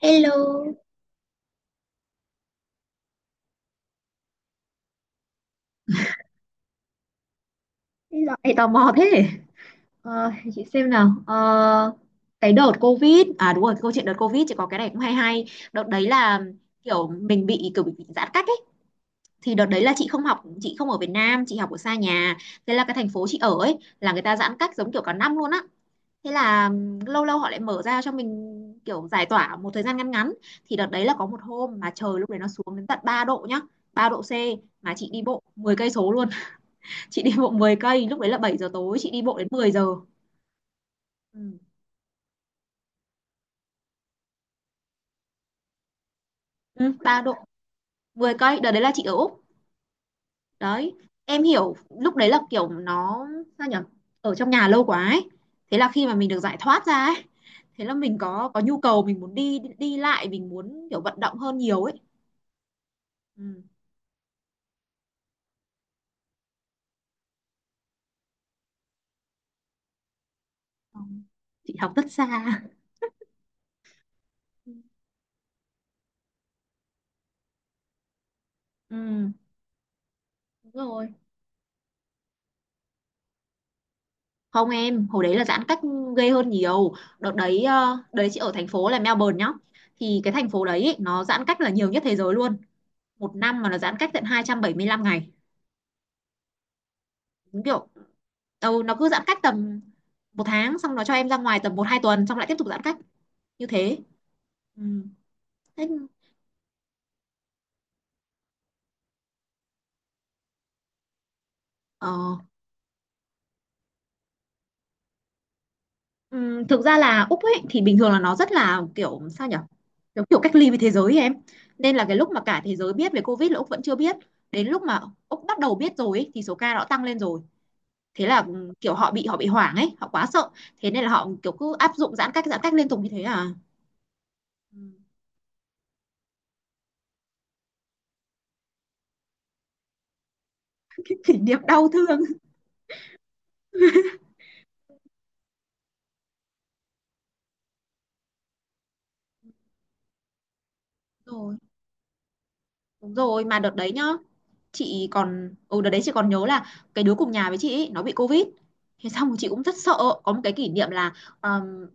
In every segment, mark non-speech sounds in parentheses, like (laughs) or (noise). Hello. Lại tò mò thế. Ờ, để chị xem nào. Ờ, cái đợt Covid, à đúng rồi, câu chuyện đợt Covid chỉ có cái này cũng hay hay. Đợt đấy là kiểu mình bị, giãn cách ấy. Thì đợt đấy là chị không học, chị không ở Việt Nam, chị học ở xa nhà. Thế là cái thành phố chị ở ấy là người ta giãn cách giống kiểu cả năm luôn á. Thế là lâu lâu họ lại mở ra cho mình kiểu giải tỏa một thời gian ngắn ngắn. Thì đợt đấy là có một hôm mà trời lúc đấy nó xuống đến tận 3 độ nhá, ba độ C mà chị đi bộ 10 cây số, chị đi bộ 10 cây lúc đấy là 7 giờ tối, chị đi bộ đến mười giờ. Ừ. Ừ, ba độ, 10 cây. Đợt đấy là chị ở Úc đấy. Em hiểu lúc đấy là kiểu nó sao nhỉ, ở trong nhà lâu quá ấy. Thế là khi mà mình được giải thoát ra ấy, thế là mình có nhu cầu, mình muốn đi đi lại, mình muốn kiểu vận động hơn nhiều ấy. Ừ. Chị học rất xa. Ừ. Ừ. Đúng rồi. Không, em hồi đấy là giãn cách ghê hơn nhiều. Đợt đấy đấy chị ở thành phố là Melbourne nhá. Thì cái thành phố đấy ý, nó giãn cách là nhiều nhất thế giới luôn, một năm mà nó giãn cách tận 275 ngày, đúng kiểu. Ừ, nó cứ giãn cách tầm một tháng, xong nó cho em ra ngoài tầm một hai tuần, xong lại tiếp tục giãn cách như thế. Ừ. Thế. ờ, ừ, thực ra là Úc ấy thì bình thường là nó rất là kiểu sao nhở, kiểu, kiểu cách ly với thế giới ấy em. Nên là cái lúc mà cả thế giới biết về Covid là Úc vẫn chưa biết. Đến lúc mà Úc bắt đầu biết rồi ấy, thì số ca nó tăng lên rồi. Thế là kiểu họ bị hoảng ấy, họ quá sợ. Thế nên là họ kiểu cứ áp dụng giãn cách liên tục như thế à. Ừ. (laughs) Cái kỷ niệm đau thương. Rồi. Đúng rồi, mà đợt đấy nhá, chị còn đợt đấy chị còn nhớ là cái đứa cùng nhà với chị ấy, nó bị covid. Thế xong rồi chị cũng rất sợ. Có một cái kỷ niệm là ờm,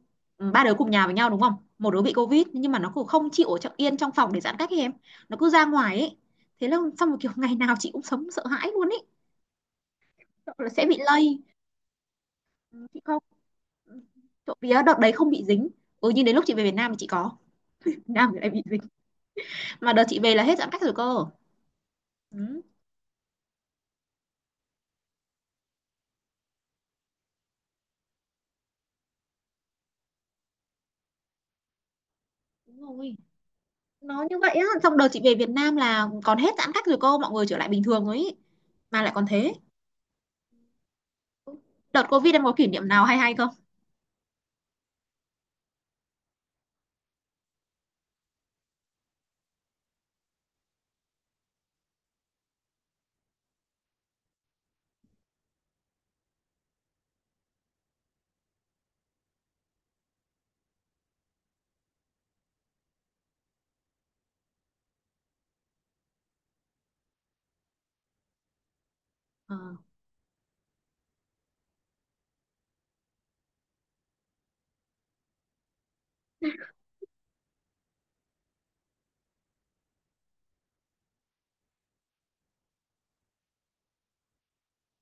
ba đứa cùng nhà với nhau đúng không, một đứa bị covid nhưng mà nó cũng không chịu ở yên trong phòng để giãn cách ấy em. Nó cứ ra ngoài ấy, thế là xong rồi kiểu (laughs) ngày nào chị cũng sống sợ hãi luôn ấy, sợ là sẽ bị lây. Ừ, chị không. Trộm vía đợt đấy không bị dính. Ừ, nhưng đến lúc chị về Việt Nam thì chị có. Việt Nam thì lại bị dính, mà đợt chị về là hết giãn cách rồi cơ. Ừ, đúng rồi, nó như vậy á. Xong đợt chị về Việt Nam là còn hết giãn cách rồi cô, mọi người trở lại bình thường rồi ý. Mà lại còn thế. Đợt Covid em có kỷ niệm nào hay hay không? Ờ.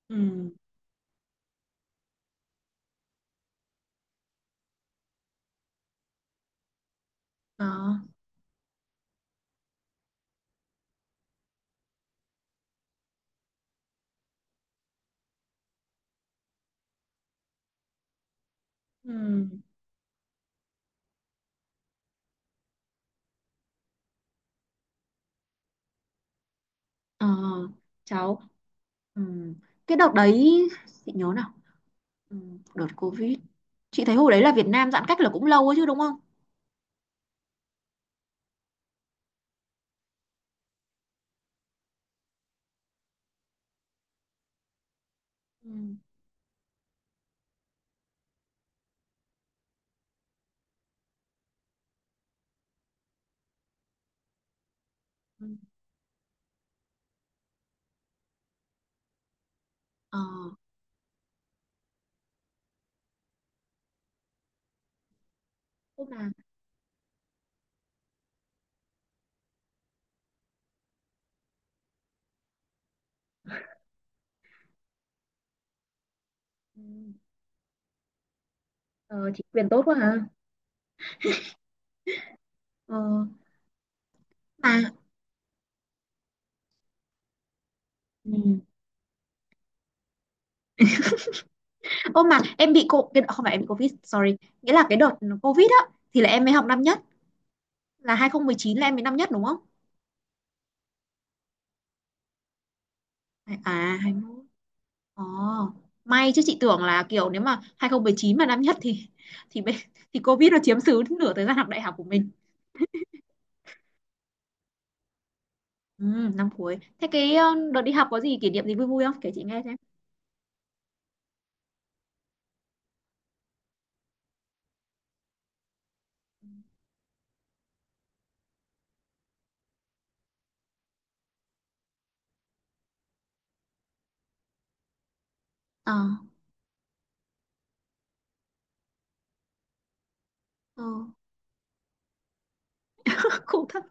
Ừ. Đó. Ừ. Ờ. Cháu. Ừ. Cái đợt đấy chị nhớ nào. Ừ. Đợt Covid, chị thấy hồi đấy là Việt Nam giãn cách là cũng lâu ấy chứ đúng không? Ừ. Ừ. Ờ. Ô mà. Ừ. Ờ, chị quyền tốt quá hả. Ờ. Mà. Ừ. Ô mà em bị không phải em bị Covid sorry, nghĩa là cái đợt Covid á thì là em mới học năm nhất, là 2019 là em mới năm nhất đúng không? À 21. Ồ, may chứ chị tưởng là kiểu nếu mà 2019 mà năm nhất thì thì bên- thì Covid nó chiếm xứ nửa thời gian học đại học của mình. Ừ, năm cuối. Thế cái đợt đi học có gì kỷ niệm gì vui vui không? Kể chị nghe xem. Ờ. Ờ. (laughs) Khổ thật.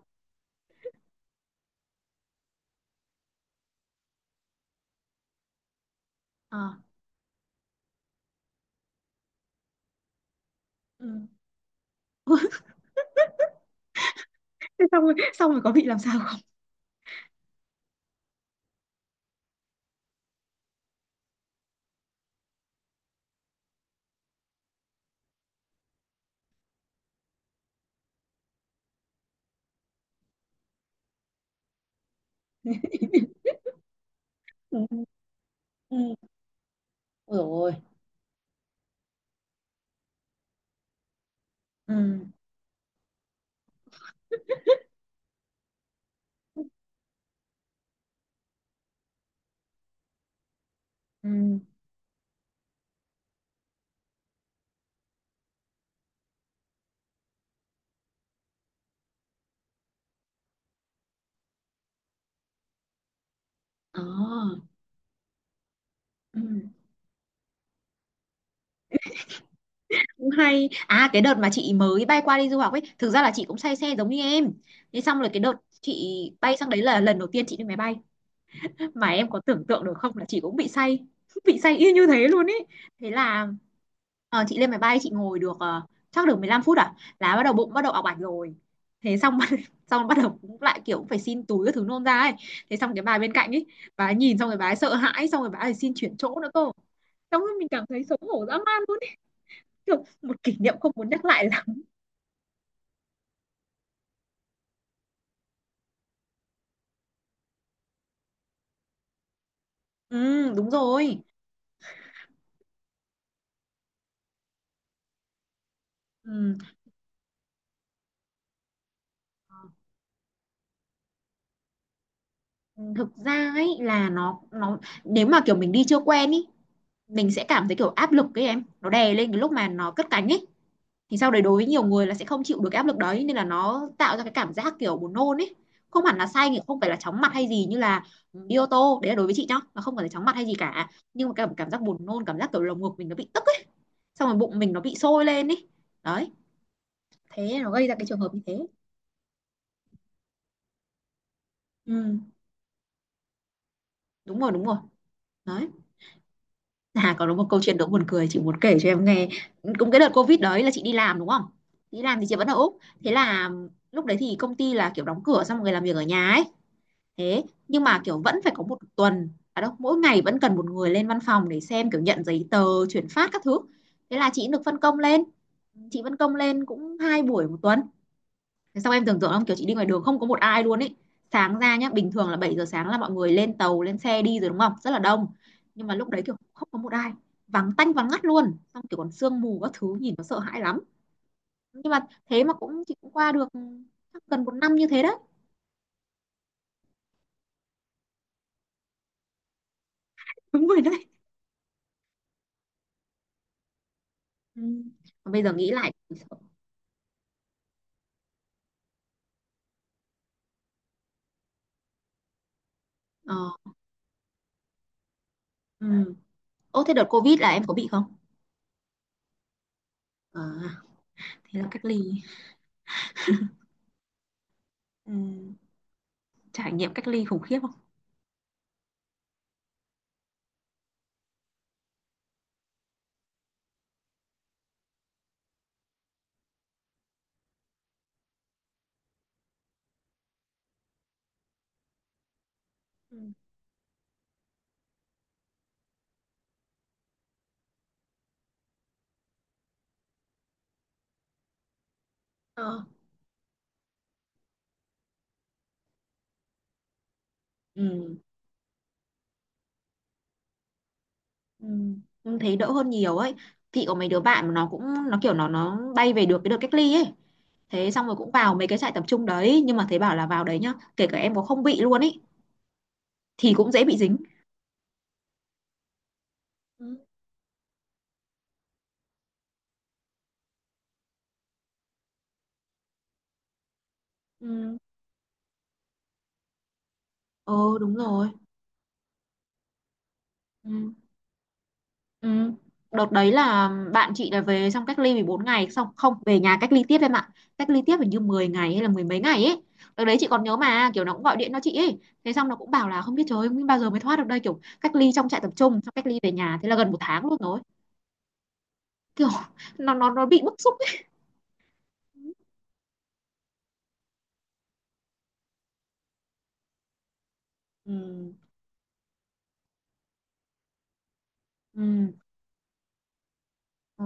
Ờ. Ừ. (laughs) Thế xong rồi có bị làm sao không? Ừ. Ừ. Ôi dồi ôi. Ừ. Ừ. Ờ. Ừ. Cũng hay à, cái đợt mà chị mới bay qua đi du học ấy thực ra là chị cũng say xe giống như em. Thế xong rồi cái đợt chị bay sang đấy là lần đầu tiên chị đi máy bay, mà em có tưởng tượng được không là chị cũng bị say, (laughs) bị say y như thế luôn ấy. Thế là chị lên máy bay, chị ngồi được chắc được 15 phút à là bắt đầu bụng bắt đầu ọc ạch rồi. Thế xong (laughs) xong bắt đầu cũng lại kiểu cũng phải xin túi các thứ nôn ra ấy. Thế xong cái bà bên cạnh ấy, bà ấy nhìn xong rồi bà ấy sợ hãi, xong rồi bà ấy xin chuyển chỗ nữa cơ, xong rồi mình cảm thấy xấu hổ dã man. Kiểu một kỷ niệm không muốn nhắc lại lắm. Ừ, đúng rồi. Ừ. Ừ, thực ra ấy là nó nếu mà kiểu mình đi chưa quen ý, mình sẽ cảm thấy kiểu áp lực ấy em, nó đè lên cái lúc mà nó cất cánh ấy. Thì sau đấy đối với nhiều người là sẽ không chịu được cái áp lực đấy nên là nó tạo ra cái cảm giác kiểu buồn nôn ấy. Không hẳn là say thì không phải là chóng mặt hay gì, như là ừ, đi ô tô. Đấy là đối với chị nhá, nó không phải là chóng mặt hay gì cả. Nhưng mà cảm cảm giác buồn nôn, cảm giác kiểu lồng ngực mình nó bị tức ấy, xong rồi bụng mình nó bị sôi lên ấy. Đấy, thế nó gây ra cái trường hợp như thế. Ừ. Đúng rồi, đúng rồi. Đấy. À còn có một câu chuyện đố buồn cười chị muốn kể cho em nghe. Cũng cái đợt covid đấy là chị đi làm đúng không, đi làm thì chị vẫn ở úc. Thế là lúc đấy thì công ty là kiểu đóng cửa, xong mọi người làm việc ở nhà ấy. Thế nhưng mà kiểu vẫn phải có một tuần à đâu mỗi ngày vẫn cần một người lên văn phòng để xem kiểu nhận giấy tờ chuyển phát các thứ. Thế là chị được phân công lên, chị phân công lên cũng hai buổi một tuần. Thế xong em tưởng tượng không, kiểu chị đi ngoài đường không có một ai luôn ấy. Sáng ra nhá, bình thường là 7 giờ sáng là mọi người lên tàu, lên xe đi rồi đúng không? Rất là đông. Nhưng mà lúc đấy kiểu không có một ai, vắng tanh vắng ngắt luôn. Xong kiểu còn sương mù các thứ nhìn nó sợ hãi lắm. Nhưng mà thế mà chị cũng qua được, chắc gần một năm như thế đấy. (laughs) Đúng rồi đấy. Ừ. Mà bây giờ nghĩ lại thì sợ. Ờ. Ừ. Ô thế đợt Covid là em có bị không? À, thế là cách ly. Ừ. Trải nghiệm cách ly khủng khiếp không? Ừ. Ờ. Ừ. Ừ. Em thấy đỡ hơn nhiều ấy. Chị có mấy đứa bạn mà nó cũng, nó kiểu nó bay về được cái đợt cách ly ấy. Thế xong rồi cũng vào mấy cái trại tập trung đấy, nhưng mà thấy bảo là vào đấy nhá, kể cả em có không bị luôn ấy thì cũng dễ bị dính. Ừ. Ừ. Ừ. Đúng rồi. Ừ. Ừ. Đợt đấy là bạn chị là về xong cách ly 14 ngày, xong không, về nhà cách ly tiếp em ạ. Cách ly tiếp hình như 10 ngày hay là mười mấy ngày ấy. Đợt đấy chị còn nhớ mà kiểu nó cũng gọi điện cho chị ấy, thế xong nó cũng bảo là không biết trời ơi, không biết bao giờ mới thoát được đây, kiểu cách ly trong trại tập trung xong cách ly về nhà thế là gần một tháng luôn rồi. Kiểu nó bị bức xúc ấy. Ừm. Ừm. Ờ.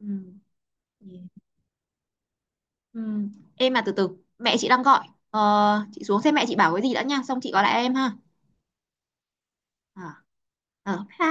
Ừm. Yeah. Em mà từ từ, mẹ chị đang gọi. Ờ, chị xuống xem mẹ chị bảo cái gì đã nha, xong chị gọi lại em ha. Ờ. Ờ, bye.